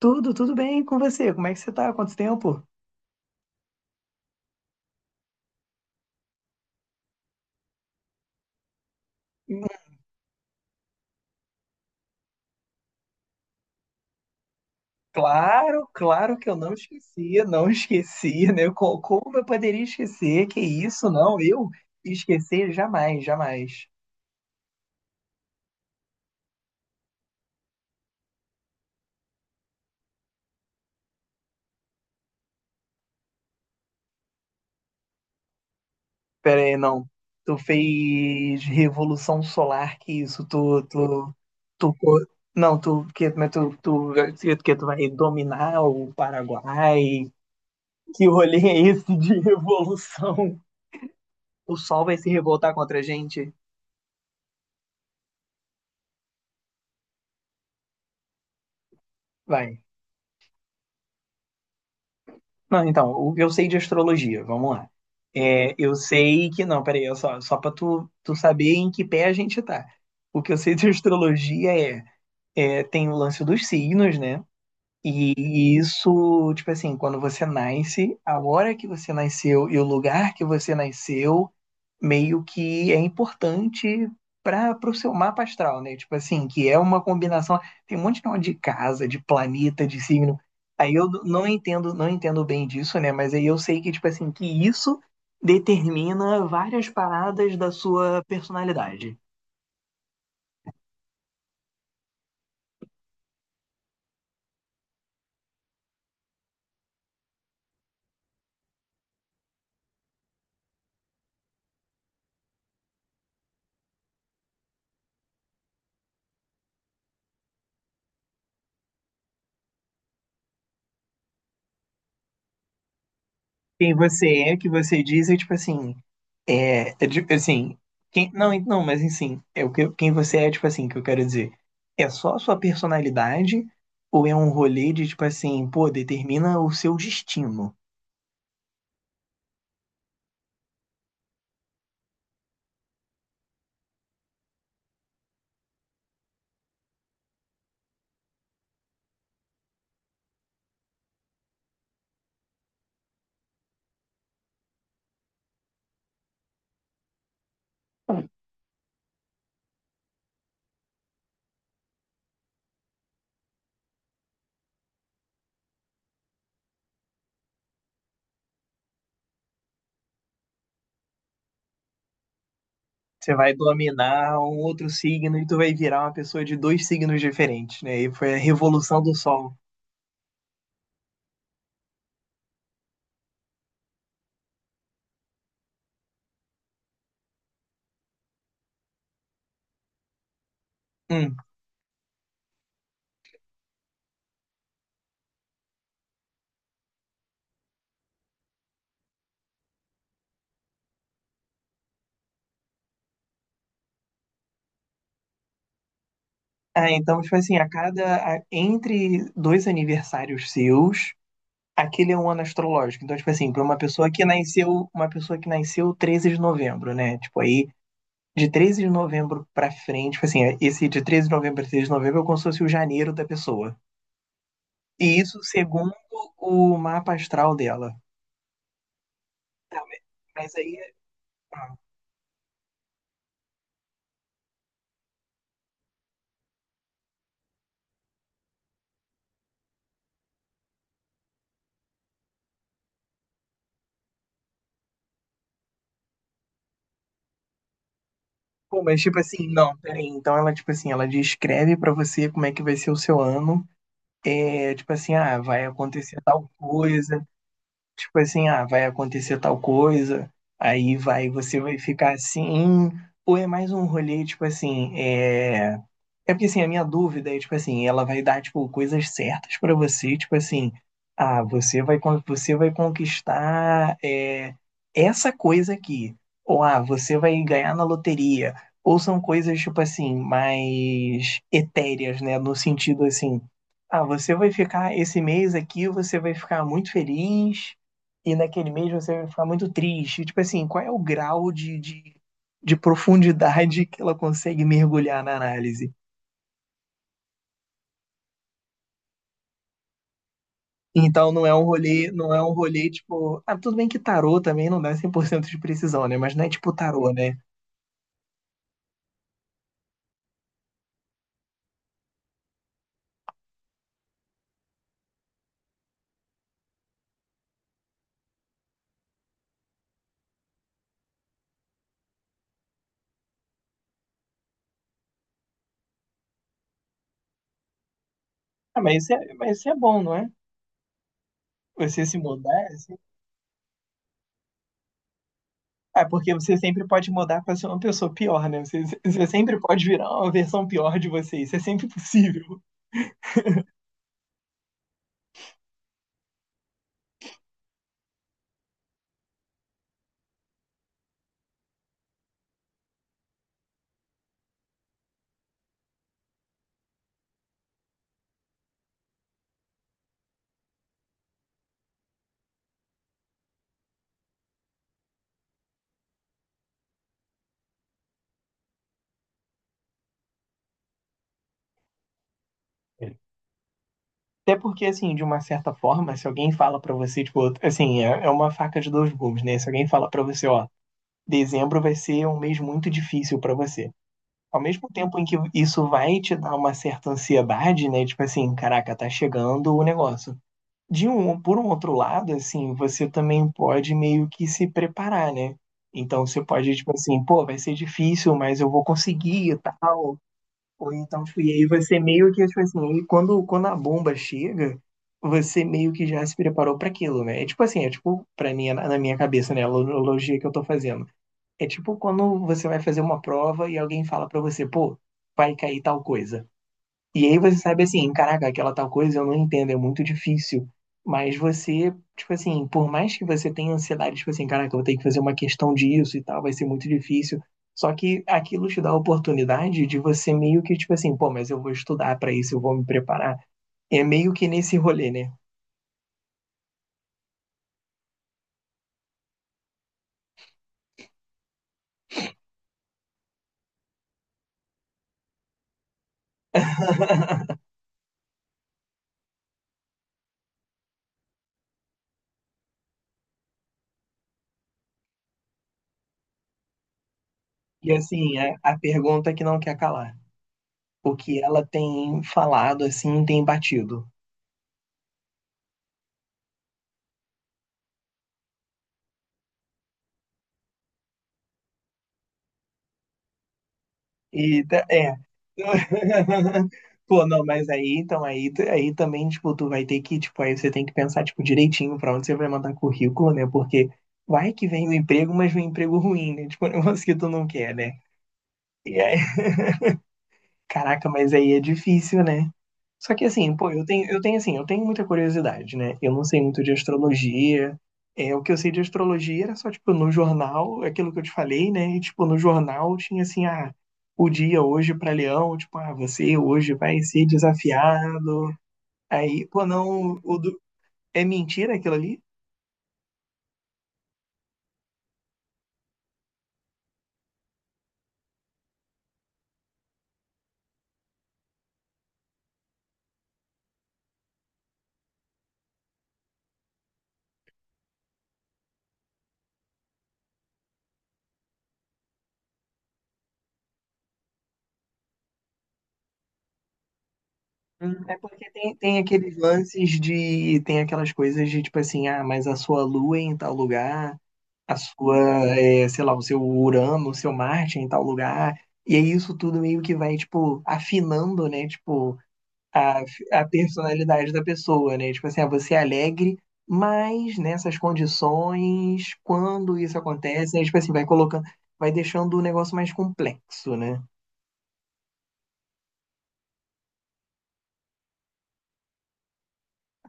Tudo, tudo bem com você? Como é que você tá? Quanto tempo? Hum. Claro, claro que eu não esquecia, não esquecia, né? Como eu poderia esquecer? Que isso, não, eu esquecer jamais, jamais. Pera aí, não. Tu fez Revolução Solar, que isso, tu, não, tu, que, mas tu, que tu vai dominar o Paraguai. Que rolê é esse de revolução? O sol vai se revoltar contra a gente? Vai. Não, então, o que eu sei de astrologia, vamos lá. É, eu sei que. Não, peraí, é só pra tu saber em que pé a gente tá. O que eu sei de astrologia é, é, tem o lance dos signos, né? E isso, tipo assim, quando você nasce, a hora que você nasceu e o lugar que você nasceu, meio que é importante para o seu mapa astral, né? Tipo assim, que é uma combinação, tem um monte de nome de casa, de planeta, de signo. Aí eu não entendo, não entendo bem disso, né? Mas aí eu sei que, tipo assim, que isso determina várias paradas da sua personalidade. Quem você é, o que você diz, é tipo assim, assim, quem, não, não, mas assim, é o que, quem você é, tipo assim, que eu quero dizer, é só a sua personalidade ou é um rolê de tipo assim, pô, determina o seu destino. Você vai dominar um outro signo e tu vai virar uma pessoa de dois signos diferentes, né? E foi a revolução do sol. Hum. Ah, então, tipo assim, entre dois aniversários seus, aquele é um ano astrológico. Então, tipo assim, para uma pessoa que nasceu 13 de novembro, né? Tipo, aí de 13 de novembro pra frente, tipo assim, esse de 13 de novembro a 13 de novembro é como se fosse o janeiro da pessoa. E isso segundo o mapa astral dela. Tá, mas aí, ah, pô, mas tipo assim, não, peraí. Então ela, tipo assim, ela descreve pra você como é que vai ser o seu ano. É, tipo assim, ah, vai acontecer tal coisa. Tipo assim, ah, vai acontecer tal coisa, aí vai, você vai ficar assim, ou é mais um rolê, tipo assim, é. É porque, assim, a minha dúvida é, tipo assim, ela vai dar, tipo, coisas certas pra você, tipo assim, ah, você vai você vai conquistar é, essa coisa aqui, ou ah, você vai ganhar na loteria, ou são coisas, tipo assim, mais etéreas, né, no sentido, assim, ah, você vai ficar, esse mês aqui, você vai ficar muito feliz, e naquele mês você vai ficar muito triste, tipo assim, qual é o grau de de profundidade que ela consegue mergulhar na análise? Então não é um rolê tipo, ah, tudo bem que tarô também não dá 100% de precisão, né? Mas não é tipo tarô, né? Ah, mas isso é bom, não é? Você se mudar, assim. Ah, porque você sempre pode mudar para ser uma pessoa pior, né? Você sempre pode virar uma versão pior de você, isso é sempre possível. Até porque, assim, de uma certa forma, se alguém fala pra você, tipo, assim, é uma faca de dois gumes, né? Se alguém fala pra você, ó, dezembro vai ser um mês muito difícil pra você. Ao mesmo tempo em que isso vai te dar uma certa ansiedade, né? Tipo assim, caraca, tá chegando o negócio. Por um outro lado, assim, você também pode meio que se preparar, né? Então você pode, tipo assim, pô, vai ser difícil, mas eu vou conseguir e tal. Ou então, tipo, e aí você meio que, tipo assim, aí quando a bomba chega, você meio que já se preparou para aquilo, né? É tipo assim, é tipo, pra mim, na minha cabeça, né? A analogia que eu tô fazendo. É tipo quando você vai fazer uma prova e alguém fala pra você, pô, vai cair tal coisa. E aí você sabe assim, caraca, aquela tal coisa eu não entendo, é muito difícil. Mas você, tipo assim, por mais que você tenha ansiedade, tipo assim, caraca, eu vou ter que fazer uma questão disso e tal, vai ser muito difícil. Só que aquilo te dá a oportunidade de você meio que, tipo assim, pô, mas eu vou estudar pra isso, eu vou me preparar. É meio que nesse rolê, né? E assim, a pergunta que não quer calar. O que ela tem falado, assim, tem batido. É. Pô, não, mas aí, então, aí, aí também, tipo, tu vai ter que, tipo, aí você tem que pensar, tipo, direitinho pra onde você vai mandar currículo, né? Porque vai que vem o emprego, mas vem um emprego ruim, né? Tipo, um negócio que tu não quer, né? E aí, caraca, mas aí é difícil, né? Só que assim, pô, eu tenho muita curiosidade, né? Eu não sei muito de astrologia. É, o que eu sei de astrologia era só, tipo, no jornal, aquilo que eu te falei, né? E, tipo, no jornal tinha assim, ah, o dia hoje para Leão, tipo, ah, você hoje vai ser desafiado. Aí, pô, não, é mentira aquilo ali? Hum. É porque tem aqueles lances de. Tem aquelas coisas de tipo assim, ah, mas a sua lua é em tal lugar. a sua, é, sei lá, o seu Urano, o seu Marte em tal lugar. E aí isso tudo meio que vai, tipo, afinando, né? Tipo, a, a personalidade da pessoa, né? Tipo assim, ah, você é alegre, mas nessas condições, quando isso acontece, aí, tipo assim, vai colocando, vai deixando o negócio mais complexo, né?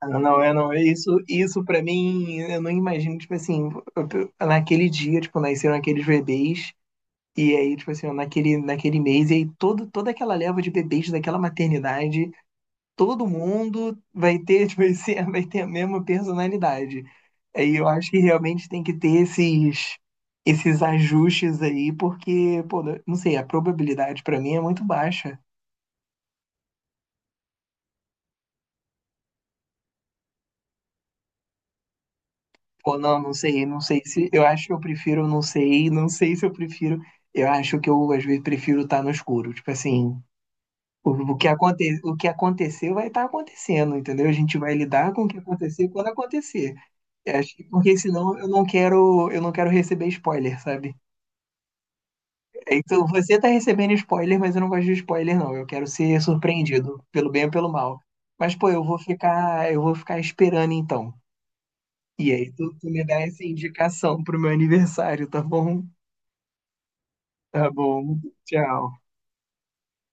Ah, não, é, não, é isso, isso para mim, eu não imagino, tipo assim, eu- naquele dia, tipo, nasceram aqueles bebês. E aí, tipo assim, naquele mês, e aí toda aquela leva de bebês daquela maternidade, todo mundo vai ter, tipo assim, vai ter a mesma personalidade. Aí eu acho que realmente tem que ter esses ajustes aí, porque, pô, não sei, a probabilidade pra mim é muito baixa. Pô, não, não sei se. Eu acho que eu prefiro, não sei se eu prefiro. Eu acho que eu, às vezes, prefiro estar no escuro. Tipo assim. O que aconteceu vai estar acontecendo, entendeu? A gente vai lidar com o que acontecer quando acontecer. Porque senão eu não quero receber spoiler, sabe? É, então você tá recebendo spoiler, mas eu não gosto de spoiler, não. Eu quero ser surpreendido, pelo bem ou pelo mal. Mas, pô, eu vou ficar esperando então. E aí tu me dá essa indicação pro meu aniversário, tá bom? Tá bom. Tchau.